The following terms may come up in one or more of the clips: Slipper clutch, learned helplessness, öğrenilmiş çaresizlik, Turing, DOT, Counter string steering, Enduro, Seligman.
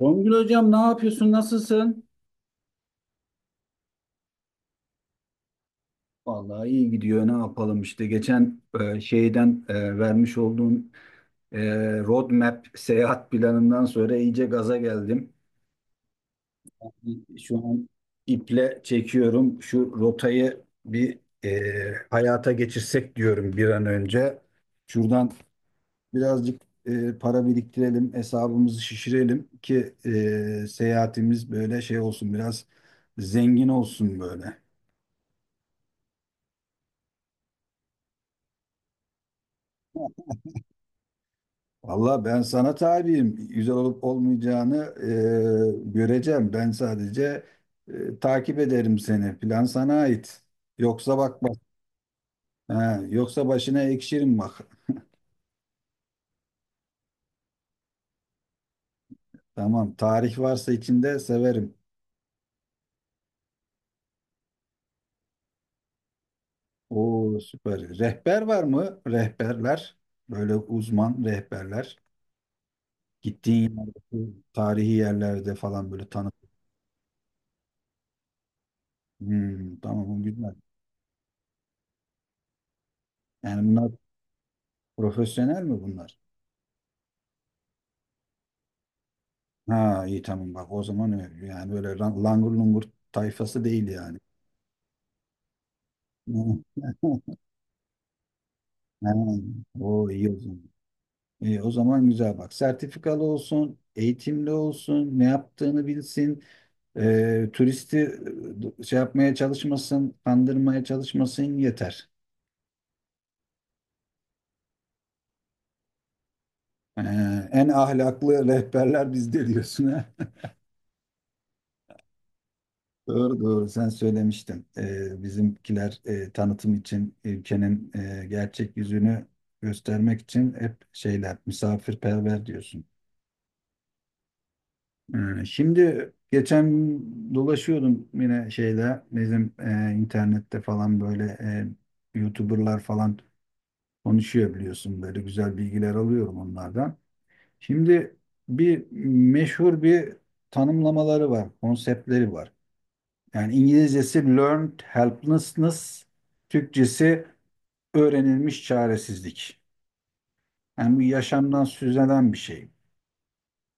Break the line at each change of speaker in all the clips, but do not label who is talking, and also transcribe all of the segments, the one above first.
Songül hocam ne yapıyorsun? Nasılsın? Vallahi iyi gidiyor. Ne yapalım işte geçen vermiş olduğun roadmap seyahat planından sonra iyice gaza geldim. Şu an iple çekiyorum. Şu rotayı hayata geçirsek diyorum bir an önce. Şuradan birazcık para biriktirelim, hesabımızı şişirelim ki seyahatimiz böyle şey olsun biraz zengin olsun böyle. Valla ben sana tabiyim. Güzel olup olmayacağını göreceğim. Ben sadece takip ederim seni. Plan sana ait. Yoksa bak bak. Ha, yoksa başına ekşirim bak. Tamam. Tarih varsa içinde severim. Oo süper. Rehber var mı? Rehberler. Böyle uzman rehberler. Gittiğin yerde, tarihi yerlerde falan böyle tanıt. Hmm, tamam bu güzel. Yani bunlar profesyonel mi bunlar? Ha iyi tamam bak o zaman öyle. Yani böyle langur lungur tayfası değil yani. Ha, o iyi o zaman. İyi, o zaman güzel bak. Sertifikalı olsun, eğitimli olsun, ne yaptığını bilsin, turisti kandırmaya çalışmasın yeter. E, En ahlaklı rehberler bizde diyorsun. Doğru doğru sen söylemiştin. Bizimkiler tanıtım için ülkenin gerçek yüzünü göstermek için hep şeyler misafirperver diyorsun. Şimdi geçen dolaşıyordum yine şeyde bizim internette falan böyle YouTuber'lar falan konuşuyor biliyorsun böyle güzel bilgiler alıyorum onlardan. Şimdi bir meşhur bir tanımlamaları var, konseptleri var. Yani İngilizcesi learned helplessness, Türkçesi öğrenilmiş çaresizlik. Yani bu yaşamdan süzülen bir şey.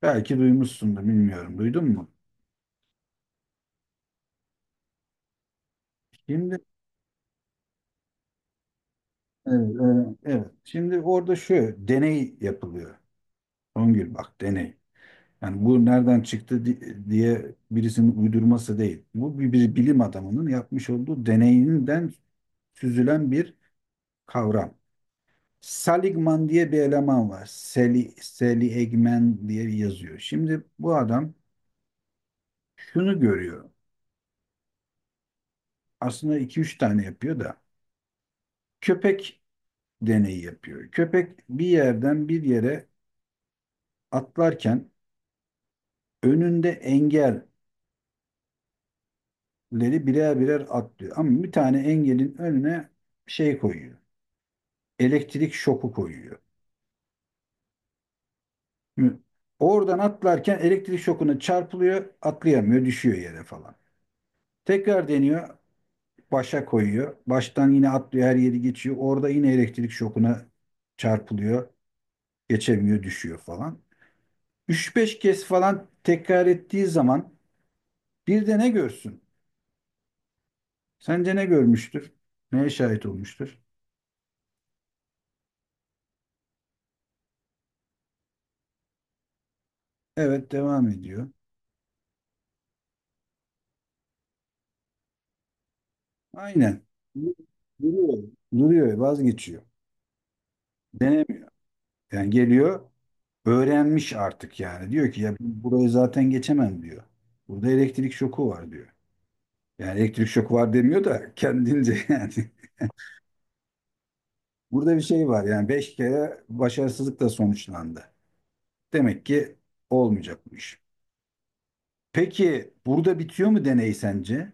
Belki duymuşsundur, bilmiyorum. Duydun mu? Şimdi evet. Şimdi orada şu deney yapılıyor. Songül bak deney. Yani bu nereden çıktı diye birisinin uydurması değil. Bu bir bilim adamının yapmış olduğu deneyinden süzülen bir kavram. Seligman diye bir eleman var. Seli Egmen diye yazıyor. Şimdi bu adam şunu görüyor. Aslında iki üç tane yapıyor da. Köpek deneyi yapıyor. Köpek bir yerden bir yere atlarken önünde engelleri birer birer atlıyor. Ama bir tane engelin önüne şey koyuyor. Elektrik şoku koyuyor. Şimdi oradan atlarken elektrik şokuna çarpılıyor, atlayamıyor, düşüyor yere falan. Tekrar deniyor. Başa koyuyor. Baştan yine atlıyor her yeri geçiyor. Orada yine elektrik şokuna çarpılıyor. Geçemiyor düşüyor falan. Üç beş kez falan tekrar ettiği zaman bir de ne görsün? Sence ne görmüştür? Neye şahit olmuştur? Evet devam ediyor. Aynen. Duruyor. Duruyor vazgeçiyor. Denemiyor. Yani geliyor öğrenmiş artık yani. Diyor ki ya burayı zaten geçemem diyor. Burada elektrik şoku var diyor. Yani elektrik şoku var demiyor da kendince yani. Burada bir şey var yani beş kere başarısızlıkla sonuçlandı. Demek ki olmayacakmış. Peki burada bitiyor mu deney sence?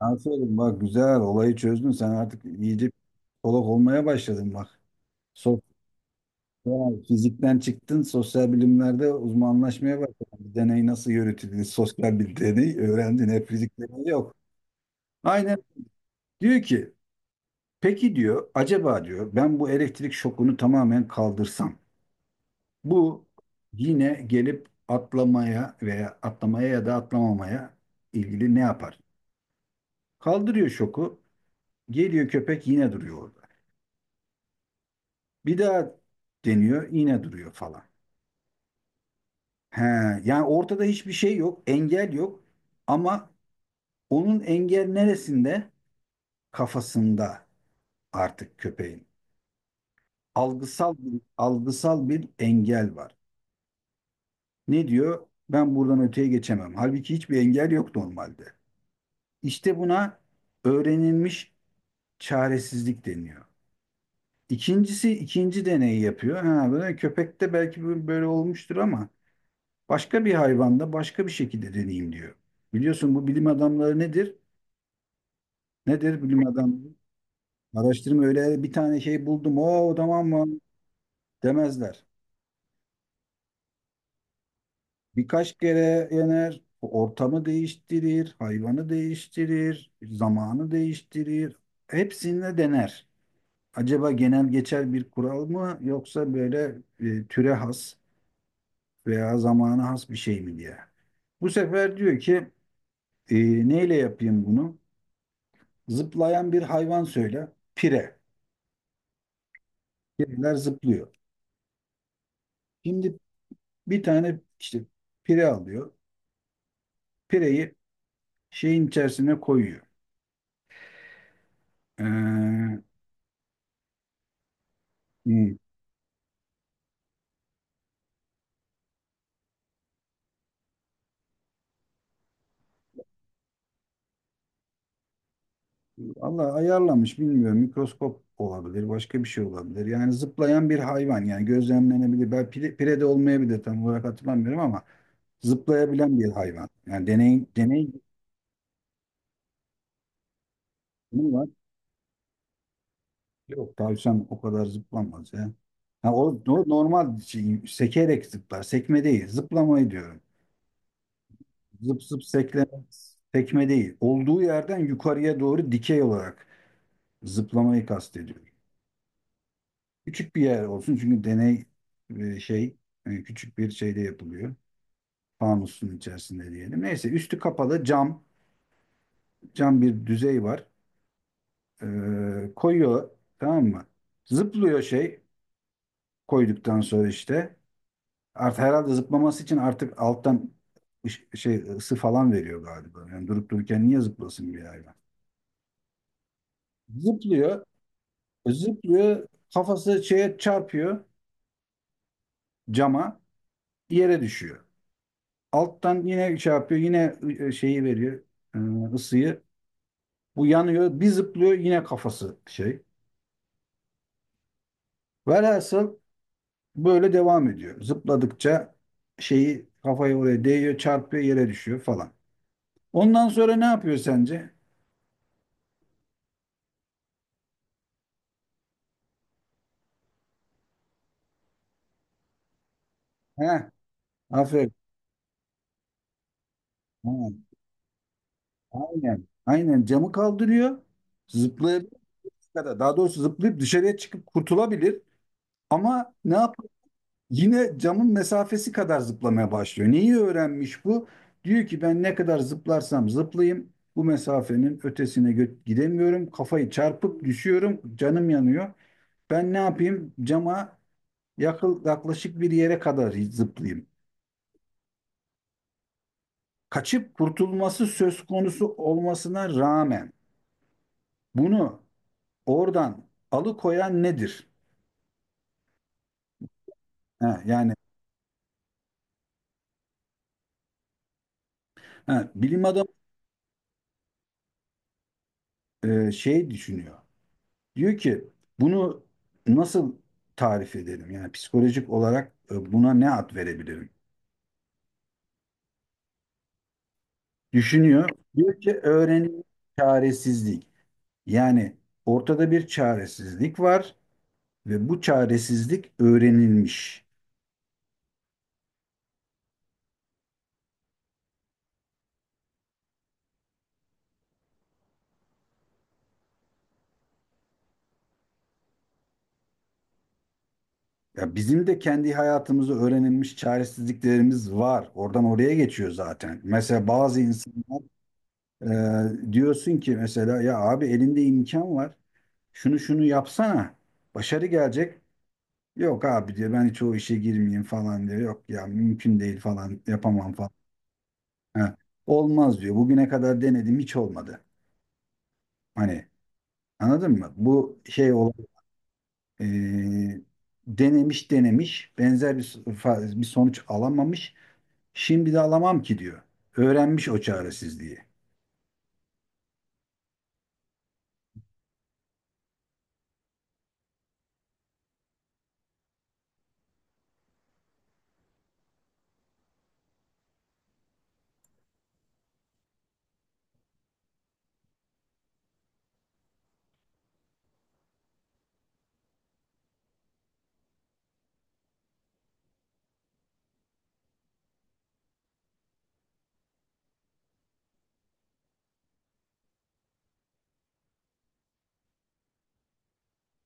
Aferin bak güzel olayı çözdün sen artık iyice psikolog olmaya başladın bak. so- Sosyal fizikten çıktın sosyal bilimlerde uzmanlaşmaya başladın. Bir deney nasıl yürütülür sosyal bir deney öğrendin hep fizik deneyi yok. Aynen diyor ki peki diyor acaba diyor ben bu elektrik şokunu tamamen kaldırsam bu yine gelip atlamaya veya atlamaya ya da atlamamaya ilgili ne yapar? Kaldırıyor şoku. Geliyor köpek yine duruyor orada. Bir daha deniyor yine duruyor falan. He, yani ortada hiçbir şey yok. Engel yok. Ama onun engel neresinde? Kafasında artık köpeğin. Algısal bir engel var. Ne diyor? Ben buradan öteye geçemem. Halbuki hiçbir engel yok normalde. İşte buna öğrenilmiş çaresizlik deniyor. İkincisi ikinci deneyi yapıyor. Ha, böyle köpekte belki böyle olmuştur ama başka bir hayvanda başka bir şekilde deneyim diyor. Biliyorsun bu bilim adamları nedir? Nedir bilim adamları? Araştırma öyle bir tane şey buldum. O tamam mı? Demezler. Birkaç kere yener, ortamı değiştirir, hayvanı değiştirir, zamanı değiştirir. Hepsinde dener. Acaba genel geçer bir kural mı yoksa böyle türe has veya zamana has bir şey mi diye. Bu sefer diyor ki neyle yapayım bunu? Zıplayan bir hayvan söyle. Pire. Pireler zıplıyor. Şimdi bir tane işte pire alıyor. Pireyi şeyin içerisine koyuyor. Ee, hmm, Allah ayarlamış bilmiyorum. Mikroskop olabilir. Başka bir şey olabilir. Yani zıplayan bir hayvan. Yani gözlemlenebilir. Ben pire de olmayabilir tam olarak hatırlamıyorum ama zıplayabilen bir hayvan. Yani deney yok tavşan o kadar zıplamaz ya. Ha, o normal şey, sekerek zıplar. Sekme değil. Zıplamayı diyorum. Zıp zıp sekleme, sekme değil. Olduğu yerden yukarıya doğru dikey olarak zıplamayı kastediyorum. Küçük bir yer olsun çünkü deney e, şey küçük bir şeyde yapılıyor. Fanusun içerisinde diyelim. Neyse üstü kapalı cam bir düzey var. Koyuyor tamam mı? Zıplıyor şey koyduktan sonra işte. Artık herhalde zıplaması için artık alttan şey ısı falan veriyor galiba. Yani durup dururken niye zıplasın bir hayvan? Zıplıyor, zıplıyor, kafası şeye çarpıyor cama, yere düşüyor. Alttan yine şey yapıyor, yine şeyi veriyor, ısıyı. Bu yanıyor, bir zıplıyor yine kafası şey. Velhasıl böyle devam ediyor. Zıpladıkça şeyi kafayı oraya değiyor, çarpıyor, yere düşüyor falan. Ondan sonra ne yapıyor sence? Heh, aferin. Ha. Aynen. Aynen camı kaldırıyor. Zıplayabilir kadar. Daha doğrusu zıplayıp dışarıya çıkıp kurtulabilir. Ama ne yapıyor? Yine camın mesafesi kadar zıplamaya başlıyor. Neyi öğrenmiş bu? Diyor ki ben ne kadar zıplarsam zıplayayım bu mesafenin ötesine gidemiyorum. Kafayı çarpıp düşüyorum. Canım yanıyor. Ben ne yapayım? Cama yaklaşık bir yere kadar zıplayayım. Kaçıp kurtulması söz konusu olmasına rağmen bunu oradan alıkoyan nedir? Ha, yani ha, Bilim adamı şey düşünüyor. Diyor ki bunu nasıl tarif edelim? Yani psikolojik olarak buna ne ad verebilirim? Düşünüyor. Diyor ki öğrenim çaresizlik. Yani ortada bir çaresizlik var ve bu çaresizlik öğrenilmiş. Ya bizim de kendi hayatımızda öğrenilmiş çaresizliklerimiz var. Oradan oraya geçiyor zaten. Mesela bazı insanlar. Diyorsun ki mesela ya abi elinde imkan var. Şunu şunu yapsana. Başarı gelecek. Yok abi diyor ben hiç o işe girmeyeyim falan diyor. Yok ya mümkün değil falan yapamam falan. Ha, olmaz diyor. Bugüne kadar denedim hiç olmadı. Hani anladın mı? Bu şey olan e, denemiş denemiş benzer bir, so- fa- bir sonuç alamamış. Şimdi de alamam ki diyor. Öğrenmiş o çaresizliği.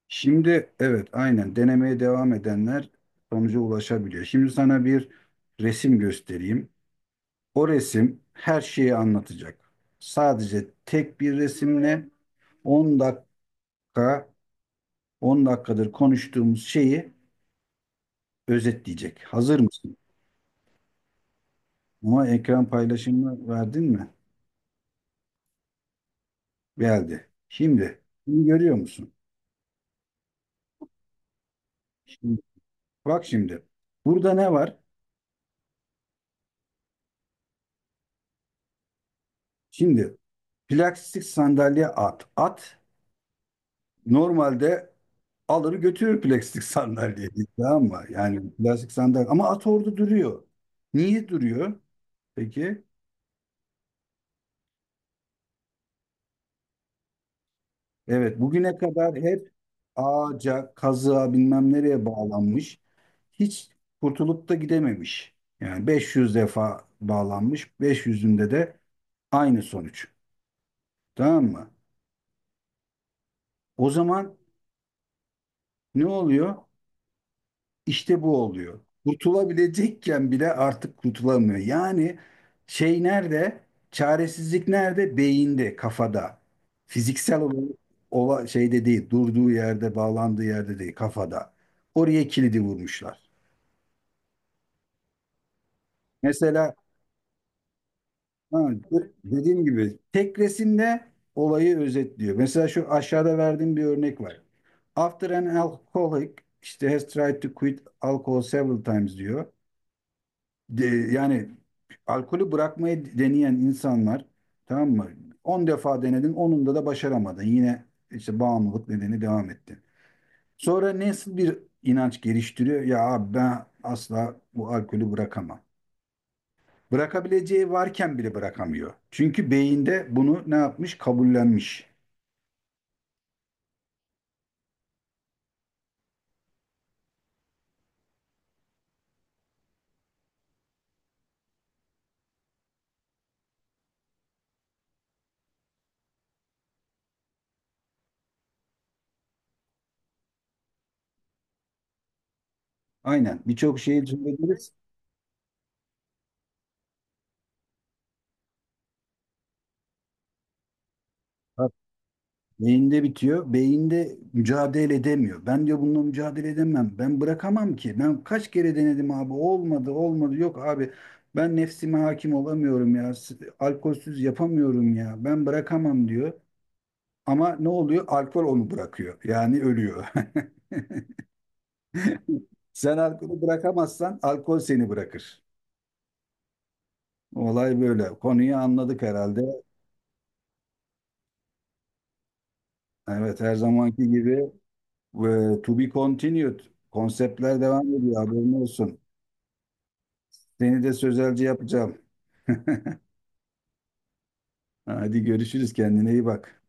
Şimdi evet aynen denemeye devam edenler sonuca ulaşabiliyor. Şimdi sana bir resim göstereyim. O resim her şeyi anlatacak. Sadece tek bir resimle 10 dakika 10 dakikadır konuştuğumuz şeyi özetleyecek. Hazır mısın? Ama ekran paylaşımını verdin mi? Geldi. Şimdi bunu görüyor musun? Şimdi, bak şimdi. Burada ne var? Şimdi plastik sandalye at. At normalde alır götürür plastik sandalyeyi tamam mı? Yani plastik sandalye ama at orada duruyor. Niye duruyor peki? Evet bugüne kadar hep ağaca, kazığa bilmem nereye bağlanmış. Hiç kurtulup da gidememiş. Yani 500 defa bağlanmış. 500'ünde de aynı sonuç. Tamam mı? O zaman ne oluyor? İşte bu oluyor. Kurtulabilecekken bile artık kurtulamıyor. Yani şey nerede? Çaresizlik nerede? Beyinde, kafada. Fiziksel olarak şeyde değil, durduğu yerde, bağlandığı yerde değil, kafada. Oraya kilidi vurmuşlar. Mesela ha, dediğim gibi tek resimde olayı özetliyor. Mesela şu aşağıda verdiğim bir örnek var. After an alcoholic işte has tried to quit alcohol several times diyor. De, yani alkolü bırakmayı deneyen insanlar tamam mı? 10 defa denedin, onunda da başaramadın. Yine işte bağımlılık nedeni devam etti. Sonra nasıl bir inanç geliştiriyor? Ya abi ben asla bu alkolü bırakamam. Bırakabileceği varken bile bırakamıyor. Çünkü beyinde bunu ne yapmış? Kabullenmiş. Aynen. Birçok şeyi düşünebiliriz. Beyinde bitiyor. Beyinde mücadele edemiyor. Ben diyor bununla mücadele edemem. Ben bırakamam ki. Ben kaç kere denedim abi. Olmadı, olmadı. Yok abi. Ben nefsime hakim olamıyorum ya. Alkolsüz yapamıyorum ya. Ben bırakamam diyor. Ama ne oluyor? Alkol onu bırakıyor. Yani ölüyor. Sen alkolü bırakamazsan alkol seni bırakır. Olay böyle. Konuyu anladık herhalde. Evet her zamanki gibi to be continued. Konseptler devam ediyor. Haberin olsun. Seni de sözelci yapacağım. Hadi görüşürüz kendine iyi bak.